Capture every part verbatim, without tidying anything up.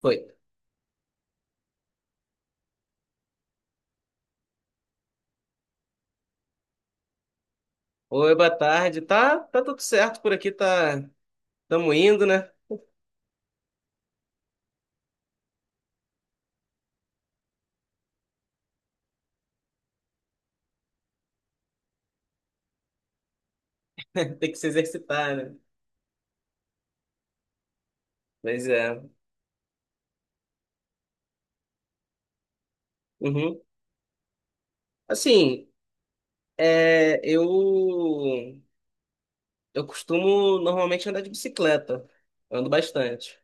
Foi. Oi, boa tarde. Tá, tá tudo certo por aqui, tá. Estamos indo, né? Tem que se exercitar, né? Mas é. Uhum. Assim, é, eu eu costumo normalmente andar de bicicleta. Ando bastante.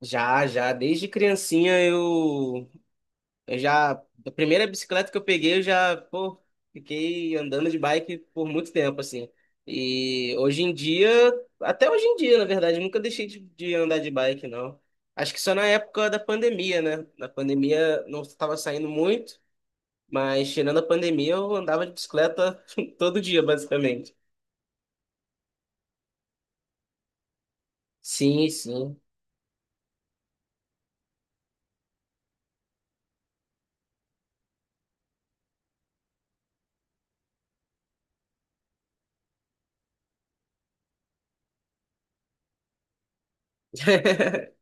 Já, já, desde criancinha eu Eu já, a primeira bicicleta que eu peguei, eu já, pô, fiquei andando de bike por muito tempo, assim. E hoje em dia, até hoje em dia, na verdade, eu nunca deixei de, de andar de bike, não. Acho que só na época da pandemia, né? Na pandemia não estava saindo muito, mas tirando a pandemia, eu andava de bicicleta todo dia, basicamente. Sim, sim.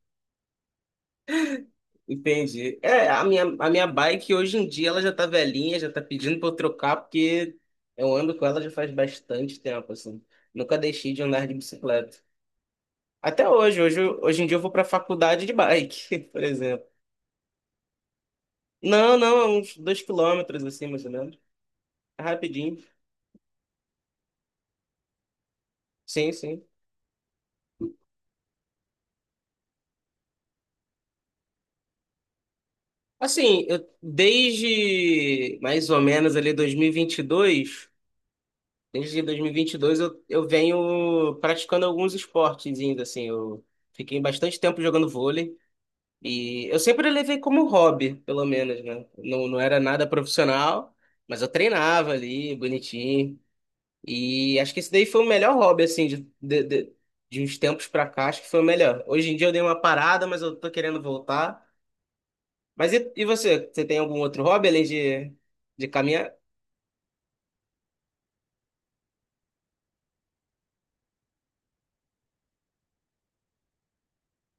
Entendi. É, a minha, a minha bike hoje em dia ela já tá velhinha, já tá pedindo pra eu trocar, porque eu ando com ela já faz bastante tempo, assim. Nunca deixei de andar de bicicleta. Até hoje, hoje, eu- hoje em dia eu vou pra faculdade de bike, por exemplo. Não, não, é uns dois quilômetros, assim, mais ou menos. É rapidinho. Sim, sim. Assim, eu desde mais ou menos ali dois mil e e vinte e dois. Desde dois mil e vinte e dois eu, eu venho praticando alguns esportes ainda, assim. Eu fiquei bastante tempo jogando vôlei e eu sempre levei como hobby, pelo menos, né? Não, não era nada profissional, mas eu treinava ali, bonitinho. E acho que esse daí foi o melhor hobby, assim, de, de, de, de uns tempos pra cá, acho que foi o melhor. Hoje em dia eu dei uma parada, mas eu tô querendo voltar. Mas e, e você? Você tem algum outro hobby além de, de caminhar?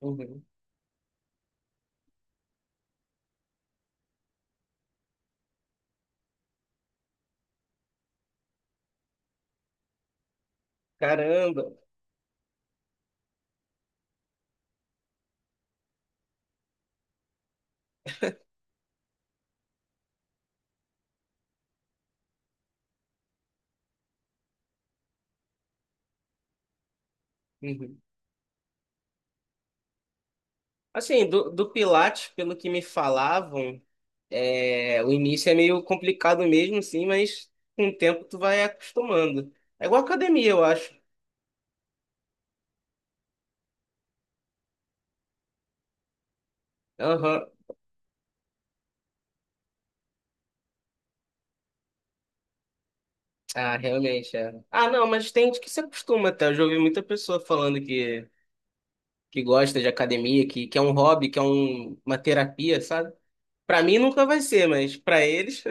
Uhum. Caramba! Uhum. Assim, do, do Pilates, pelo que me falavam, é, o início é meio complicado mesmo, sim, mas com o tempo tu vai acostumando. É igual academia, eu acho. Aham. Ah, realmente, é. Ah, não, mas tem gente que se acostuma até. Eu já ouvi muita pessoa falando que, que gosta de academia, que, que é um hobby, que é um- uma terapia, sabe? Pra mim nunca vai ser, mas pra eles,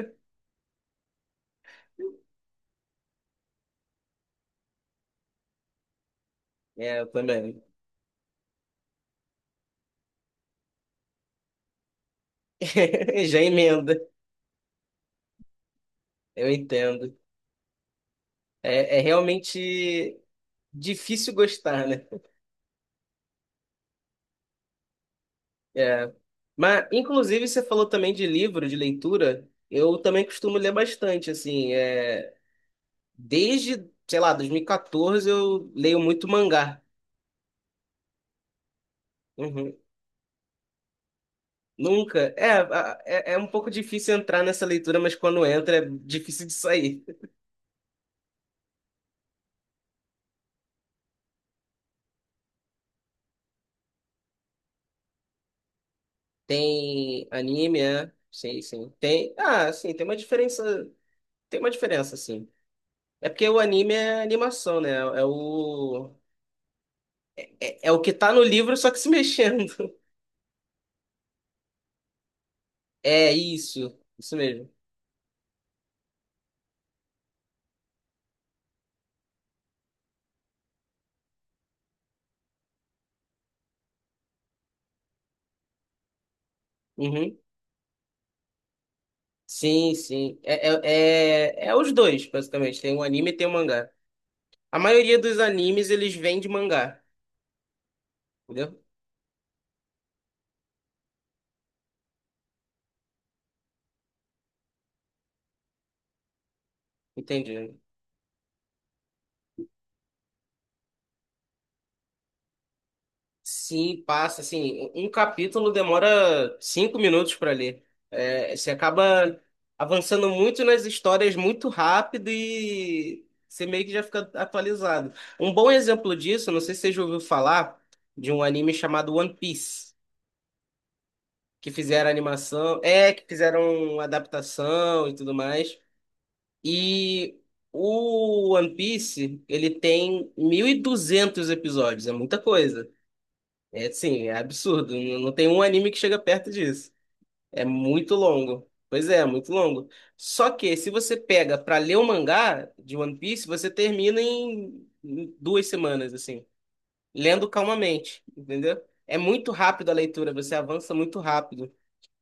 é, eu também. Já emenda, eu entendo. É, é realmente difícil gostar, né? É. Mas, inclusive, você falou também de livro, de leitura. Eu também costumo ler bastante, assim. É... Desde, sei lá, dois mil e quatorze eu leio muito mangá. Uhum. Nunca. É, a- é, é um pouco difícil entrar nessa leitura, mas quando entra é difícil de sair. Tem anime, é? Sim, sim. Tem. Ah, sim, tem uma diferença. Tem uma diferença, sim. É porque o anime é animação, né? É o. É, é o que tá no livro, só que se mexendo. É isso, isso mesmo. Uhum. Sim, sim. É, é, é, é os dois, basicamente. Tem um anime e tem um mangá. A maioria dos animes, eles vêm de mangá, entendeu? Entendi. Sim, passa, assim, um capítulo demora cinco minutos para ler. É, você acaba avançando muito nas histórias muito rápido e você meio que já fica atualizado. Um bom exemplo disso, não sei se você já ouviu falar, de um anime chamado One Piece, que fizeram animação, é, que fizeram adaptação e tudo mais. E o One Piece, ele tem mil e duzentos episódios, é muita coisa. É, sim, é absurdo. N- Não tem um anime que chega perto disso. É muito longo. Pois é, é muito longo. Só que se você pega pra ler o mangá de One Piece, você termina em em duas semanas, assim, lendo calmamente, entendeu? É muito rápido a leitura, você avança muito rápido.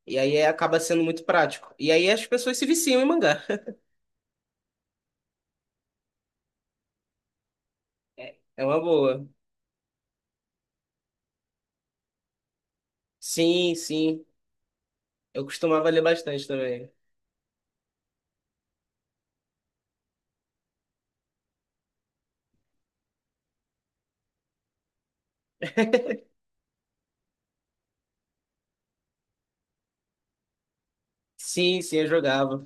E aí é- acaba sendo muito prático. E aí as pessoas se viciam em mangá. É é uma boa. Sim, sim. Eu costumava ler bastante também. Sim, sim, eu jogava.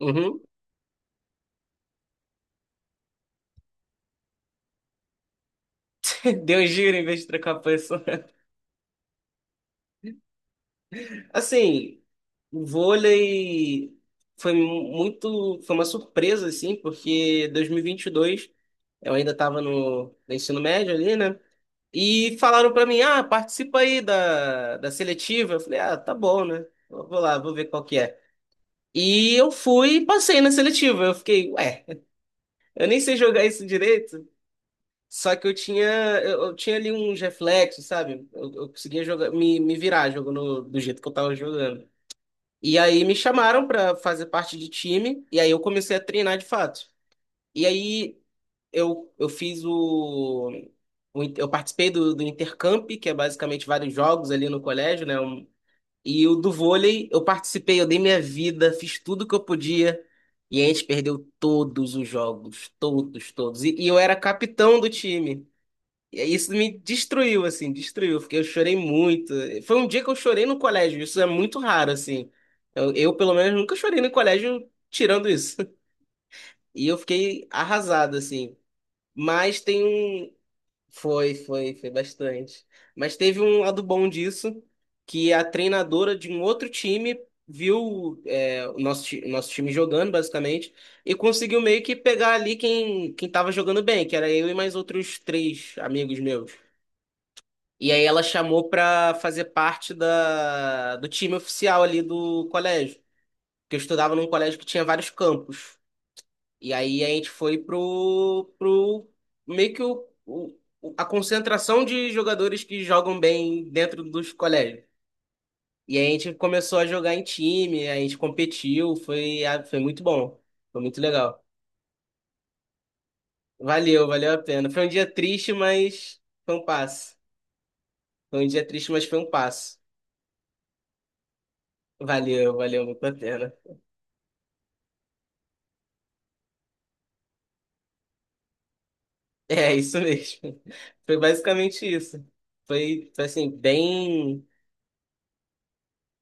Uhum. Deu um giro em vez de trocar a pessoa. Assim, o vôlei foi mu- muito, foi uma surpresa assim, porque dois mil e vinte e dois eu ainda estava no, no ensino médio ali, né? E falaram para mim: "Ah, participa aí da, da seletiva". Eu falei: "Ah, tá bom, né? Eu vou lá, vou ver qual que é". E eu fui e passei na seletiva. Eu fiquei, ué, eu nem sei jogar isso direito. Só que eu tinha, eu, eu tinha ali uns reflexos, sabe? Eu, eu conseguia jogar, me, me virar jogando do jeito que eu tava jogando. E aí me chamaram pra fazer parte de time, e aí eu comecei a treinar de fato. E aí eu, eu fiz o, o in- eu participei do, do Intercamp, que é basicamente vários jogos ali no colégio, né? Um, E o do vôlei, eu participei, eu dei minha vida, fiz tudo que eu podia. E a gente perdeu todos os jogos, todos, todos. E, e eu era capitão do time. E aí isso me destruiu, assim, destruiu. Porque eu chorei muito. Foi um dia que eu chorei no colégio. Isso é muito raro, assim. Eu, eu, pelo menos, nunca chorei no colégio tirando isso. E eu fiquei arrasado, assim. Mas tem um. Foi, foi, foi bastante. Mas teve um lado bom disso, que a treinadora de um outro time viu é, o nosso, ti- nosso time jogando, basicamente, e conseguiu meio que pegar ali quem, quem tava jogando bem, que era eu e mais outros três amigos meus. E aí ela chamou pra fazer parte da, do time oficial ali do colégio, porque eu estudava num colégio que tinha vários campos. E aí a gente foi pro, pro meio que o, o- a concentração de jogadores que jogam bem dentro dos colégios. E aí a gente começou a jogar em time, a gente competiu, foi, ah, foi muito bom, foi muito legal. Valeu, valeu a pena. Foi um dia triste, mas foi um passo. Foi um dia triste, mas foi um passo. Valeu, valeu muito a pena. É isso mesmo. Foi basicamente isso. Foi, foi assim, bem,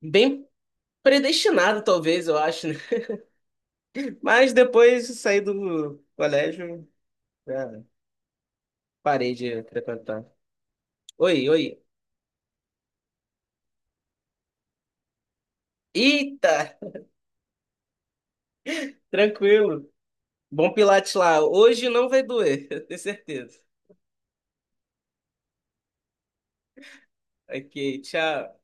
bem predestinado, talvez, eu acho, né? Mas depois de sair do colégio, já parei de frequentar. Oi, oi. Eita, tranquilo. Bom Pilates lá. Hoje não vai doer, eu tenho certeza. Ok, tchau.